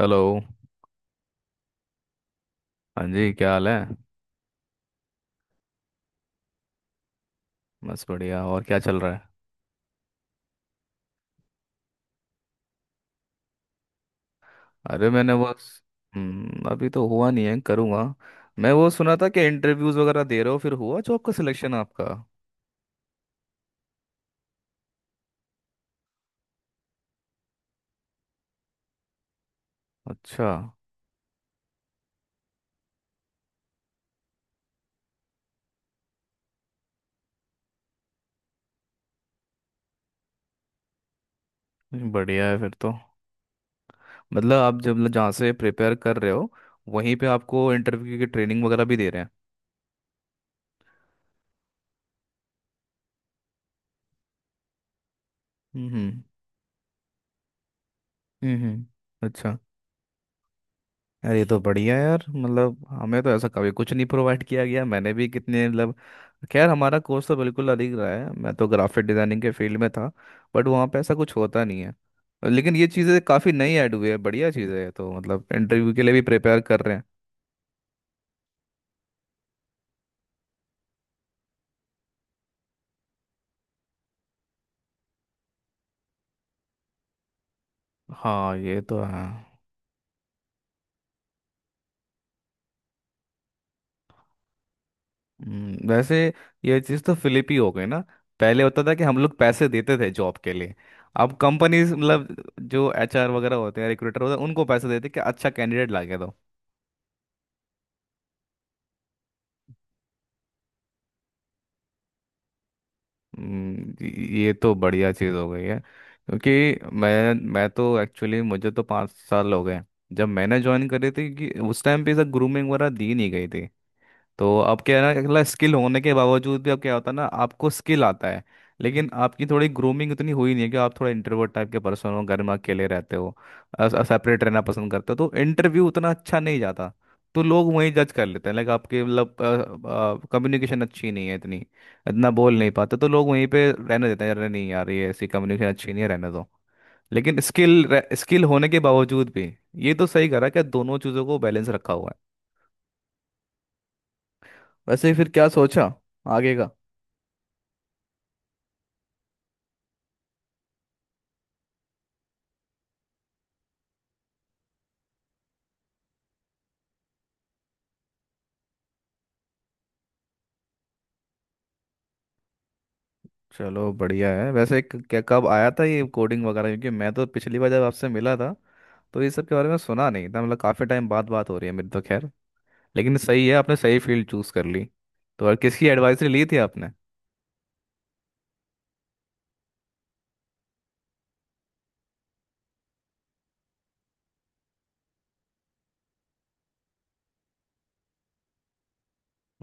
Hello. हाँ जी, क्या हाल है। बस बढ़िया। और क्या चल रहा है। अरे मैंने बस। हम्म, अभी तो हुआ नहीं है, करूँगा। मैं वो सुना था कि इंटरव्यूज़ वगैरह दे रहे हो, फिर हुआ जॉब का सिलेक्शन आपका। अच्छा। बढ़िया है फिर तो। मतलब आप जब जहाँ से प्रिपेयर कर रहे हो, वहीं पे आपको इंटरव्यू की ट्रेनिंग वगैरह भी दे रहे हैं। हम्म, हम्म, अच्छा। यार ये तो बढ़िया है यार, मतलब हमें तो ऐसा कभी कुछ नहीं प्रोवाइड किया गया, मैंने भी कितने मतलब। खैर हमारा कोर्स तो बिल्कुल अलग रहा है, मैं तो ग्राफिक डिज़ाइनिंग के फील्ड में था। बट वहाँ पे ऐसा कुछ होता नहीं है। लेकिन ये चीज़ें काफ़ी नई ऐड हुई है, बढ़िया चीज़ें है, तो मतलब इंटरव्यू के लिए भी प्रिपेयर कर रहे हैं। हाँ, ये तो है। वैसे ये चीज़ तो फिलिप ही हो गई ना। पहले होता था कि हम लोग पैसे देते थे जॉब के लिए। अब कंपनीज मतलब जो एचआर वगैरह होते हैं, रिक्रूटर होते हैं, उनको पैसे देते हैं कि अच्छा कैंडिडेट ला के दो। हम्म, ये तो बढ़िया चीज़ हो गई है, क्योंकि मैं तो एक्चुअली, मुझे तो 5 साल हो गए जब मैंने ज्वाइन करी थी, कि उस टाइम पे ऐसा ग्रूमिंग वगैरह दी नहीं गई थी। तो अब क्या है ना, अगला स्किल होने के बावजूद भी अब क्या होता है ना, आपको स्किल आता है, लेकिन आपकी थोड़ी ग्रूमिंग उतनी हुई नहीं है। कि आप थोड़ा इंट्रोवर्ट टाइप के पर्सन हो, घर में अकेले रहते हो, सेपरेट रहना पसंद करते हो, तो इंटरव्यू उतना अच्छा नहीं जाता। तो लोग वहीं जज कर लेते हैं, लाइक आपके मतलब कम्युनिकेशन अच्छी नहीं है इतनी, इतना बोल नहीं पाते, तो लोग वहीं पे रहने देते हैं, अरे नहीं यार, ये ऐसी कम्युनिकेशन अच्छी नहीं है, रहने दो। लेकिन स्किल, स्किल होने के बावजूद भी ये तो सही करा कि दोनों चीज़ों को बैलेंस रखा हुआ है। वैसे फिर क्या सोचा आगे का। चलो बढ़िया है। वैसे क्या, कब आया था ये कोडिंग वगैरह, क्योंकि मैं तो पिछली बार जब आपसे मिला था तो ये सब के बारे में सुना नहीं था, मतलब काफ़ी टाइम बाद बात हो रही है मेरी तो, खैर। लेकिन सही है, आपने सही फील्ड चूज़ कर ली। तो और किसकी एडवाइसरी ली थी आपने।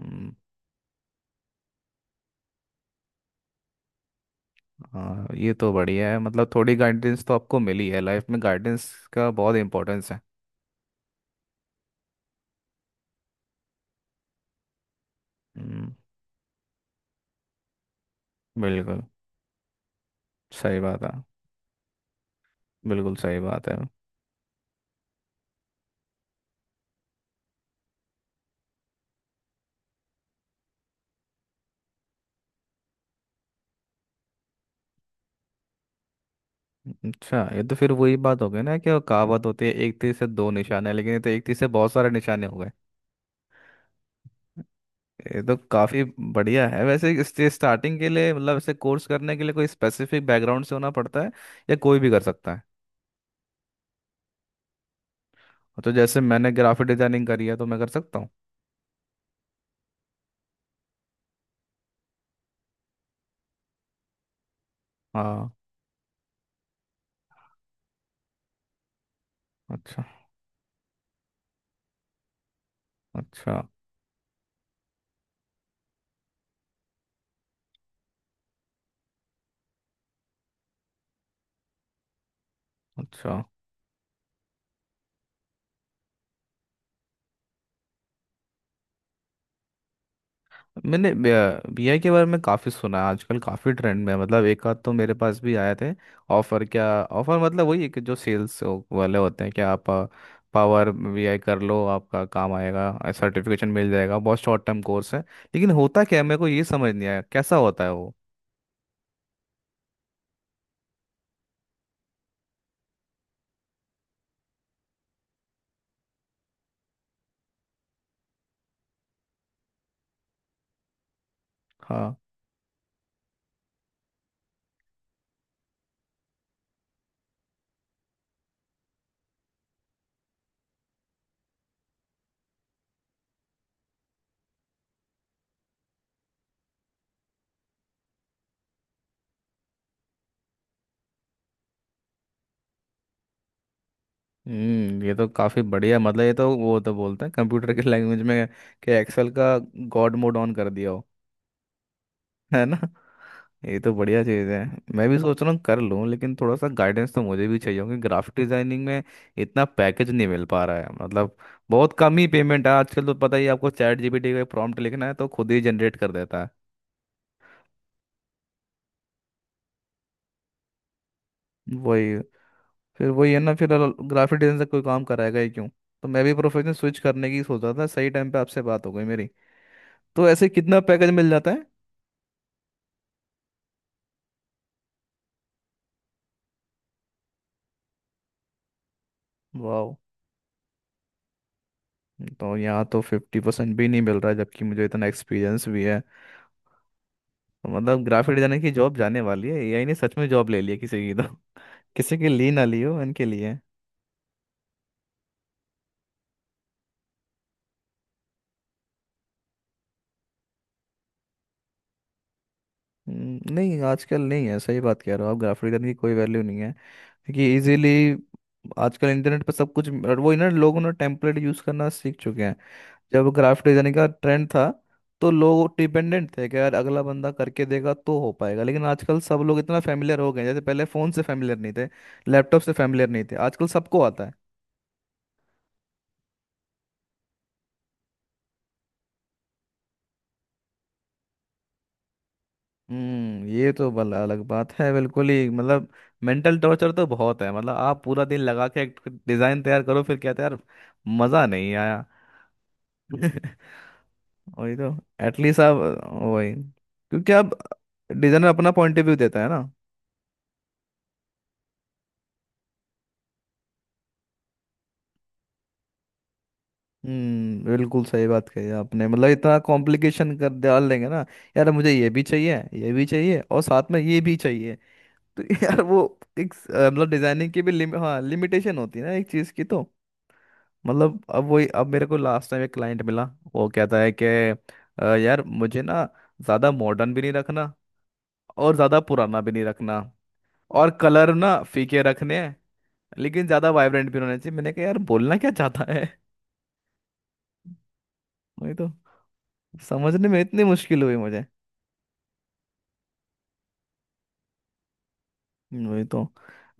हम्म, हाँ ये तो बढ़िया है, मतलब थोड़ी गाइडेंस तो आपको मिली है, लाइफ में गाइडेंस का बहुत इंपॉर्टेंस है। हम्म, बिल्कुल सही बात है। बिल्कुल सही बात है। अच्छा, ये तो फिर वही बात हो गई ना, कि वो कहावत होती है एक तीर से दो निशाने, लेकिन ये तो एक तीर से बहुत सारे निशाने हो गए। ये तो काफी बढ़िया है। वैसे इससे स्टार्टिंग के लिए मतलब ऐसे कोर्स करने के लिए कोई स्पेसिफिक बैकग्राउंड से होना पड़ता है, या कोई भी कर सकता है। तो जैसे मैंने ग्राफिक डिजाइनिंग करी है, तो मैं कर सकता हूँ। हाँ। अच्छा। अच्छा। अच्छा, मैंने बीआई के बारे में काफ़ी सुना है, आजकल काफ़ी ट्रेंड में है। मतलब एक आध तो मेरे पास भी आए थे। ऑफ़र, क्या ऑफ़र, मतलब वही है कि जो सेल्स वाले होते हैं कि आप पावर बीआई कर लो, आपका काम आएगा, सर्टिफिकेशन मिल जाएगा, बहुत शॉर्ट टर्म कोर्स है। लेकिन होता क्या है, मेरे को ये समझ नहीं आया कैसा होता है वो। हाँ। हम्म, ये तो काफ़ी बढ़िया, मतलब ये तो, वो तो बोलते हैं कंप्यूटर के लैंग्वेज में, कि एक्सेल का गॉड मोड ऑन कर दिया हो, है ना। ये तो बढ़िया चीज़ है। मैं भी सोच रहा हूँ कर लूँ, लेकिन थोड़ा सा गाइडेंस तो मुझे भी चाहिए, क्योंकि ग्राफिक डिजाइनिंग में इतना पैकेज नहीं मिल पा रहा है मतलब, बहुत कम ही पेमेंट है। आजकल तो पता ही है आपको, चैट जीपीटी का प्रॉम्प्ट लिखना है तो खुद ही जनरेट कर देता है। वही, फिर वही है ना फिर, ग्राफिक डिजाइन से कोई काम कराएगा ही क्यों। तो मैं भी प्रोफेशन स्विच करने की सोच रहा था, सही टाइम पे आपसे बात हो गई मेरी। तो ऐसे कितना पैकेज मिल जाता है। वाह, तो यहाँ तो 50% भी नहीं मिल रहा है, जबकि मुझे इतना एक्सपीरियंस भी है। मतलब ग्राफिक डिजाइनर की जॉब जाने वाली है, एआई ने सच में जॉब ले ली है किसी की तो। किसी की ली ना ली हो, इनके लिए। नहीं आजकल नहीं है, सही बात कह रहे हो आप, ग्राफिक डिजाइनर की कोई वैल्यू नहीं है, क्योंकि इजीली आजकल इंटरनेट पर सब कुछ, और वो ना लोगों ने टेम्पलेट यूज करना सीख चुके हैं। जब ग्राफिक डिजाइनिंग का ट्रेंड था तो लोग डिपेंडेंट थे कि यार अगला बंदा करके देगा तो हो पाएगा, लेकिन आजकल सब लोग इतना फैमिलियर हो गए हैं, जैसे पहले फोन से फैमिलियर नहीं थे, लैपटॉप से फैमिलियर नहीं थे, आजकल सबको आता है। हम्म, ये तो बल अलग बात है बिल्कुल ही, मतलब मेंटल टॉर्चर तो बहुत है, मतलब आप पूरा दिन लगा के एक डिजाइन तैयार करो, फिर कहते हैं यार मजा नहीं आया। वही तो, एटलीस्ट आप, वही क्योंकि आप डिजाइनर अपना पॉइंट ऑफ व्यू देता है ना। हम्म, बिल्कुल सही बात कही आपने, मतलब इतना कॉम्प्लिकेशन कर डाल देंगे ना, यार मुझे ये भी चाहिए, ये भी चाहिए, और साथ में ये भी चाहिए। तो यार वो, एक मतलब डिजाइनिंग की भी हाँ लिमिटेशन होती है ना एक चीज की तो। मतलब अब वही, अब मेरे को लास्ट टाइम एक क्लाइंट मिला, वो कहता है कि यार मुझे ना, ज़्यादा मॉडर्न भी नहीं रखना और ज़्यादा पुराना भी नहीं रखना, और कलर ना फीके रखने हैं, लेकिन ज़्यादा वाइब्रेंट भी होने चाहिए।" मैंने कहा यार बोलना क्या चाहता है। वही तो, समझने में इतनी मुश्किल हुई मुझे। वही तो।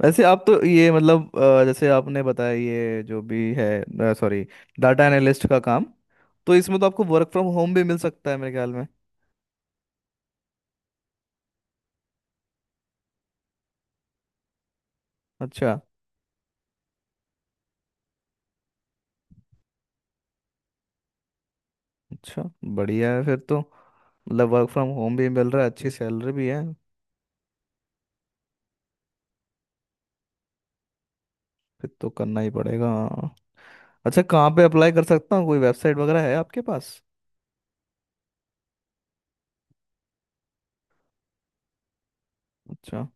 वैसे आप तो ये मतलब जैसे आपने बताया ये जो भी है, सॉरी, डाटा एनालिस्ट का काम, तो इसमें तो आपको वर्क फ्रॉम होम भी मिल सकता है मेरे ख्याल में। अच्छा। अच्छा, बढ़िया है फिर तो, मतलब वर्क फ्रॉम होम भी मिल रहा है, अच्छी सैलरी भी है। फिर तो करना ही पड़ेगा। अच्छा, कहाँ पे अप्लाई कर सकता हूँ, कोई वेबसाइट वगैरह है आपके पास। अच्छा,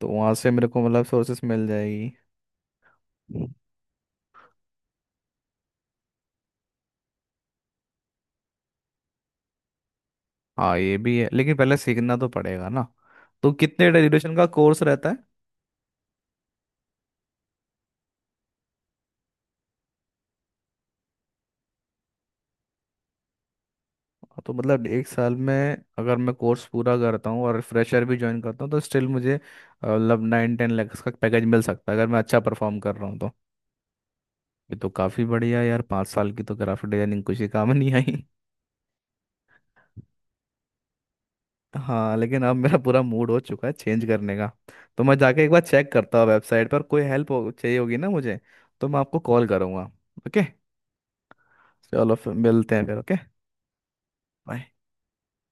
तो वहाँ से मेरे को मतलब सोर्सेस मिल जाएगी। हाँ ये भी है, लेकिन पहले सीखना तो पड़ेगा ना। तो कितने ड्यूरेशन का कोर्स रहता है। हाँ, तो मतलब एक साल में अगर मैं कोर्स पूरा करता हूँ और फ्रेशर भी ज्वाइन करता हूँ, तो स्टिल मुझे मतलब 9-10 लैक्स का पैकेज मिल सकता है, अगर मैं अच्छा परफॉर्म कर रहा हूँ तो। ये तो काफी बढ़िया यार, 5 साल की तो ग्राफिक डिजाइनिंग कुछ ही काम नहीं आई। हाँ, लेकिन अब मेरा पूरा मूड हो चुका है चेंज करने का, तो मैं जाके एक बार चेक करता हूँ वेबसाइट पर। कोई हेल्प हो, चाहिए होगी ना मुझे, तो मैं आपको कॉल करूँगा। ओके। चलो फिर मिलते हैं फिर, ओके, बाय।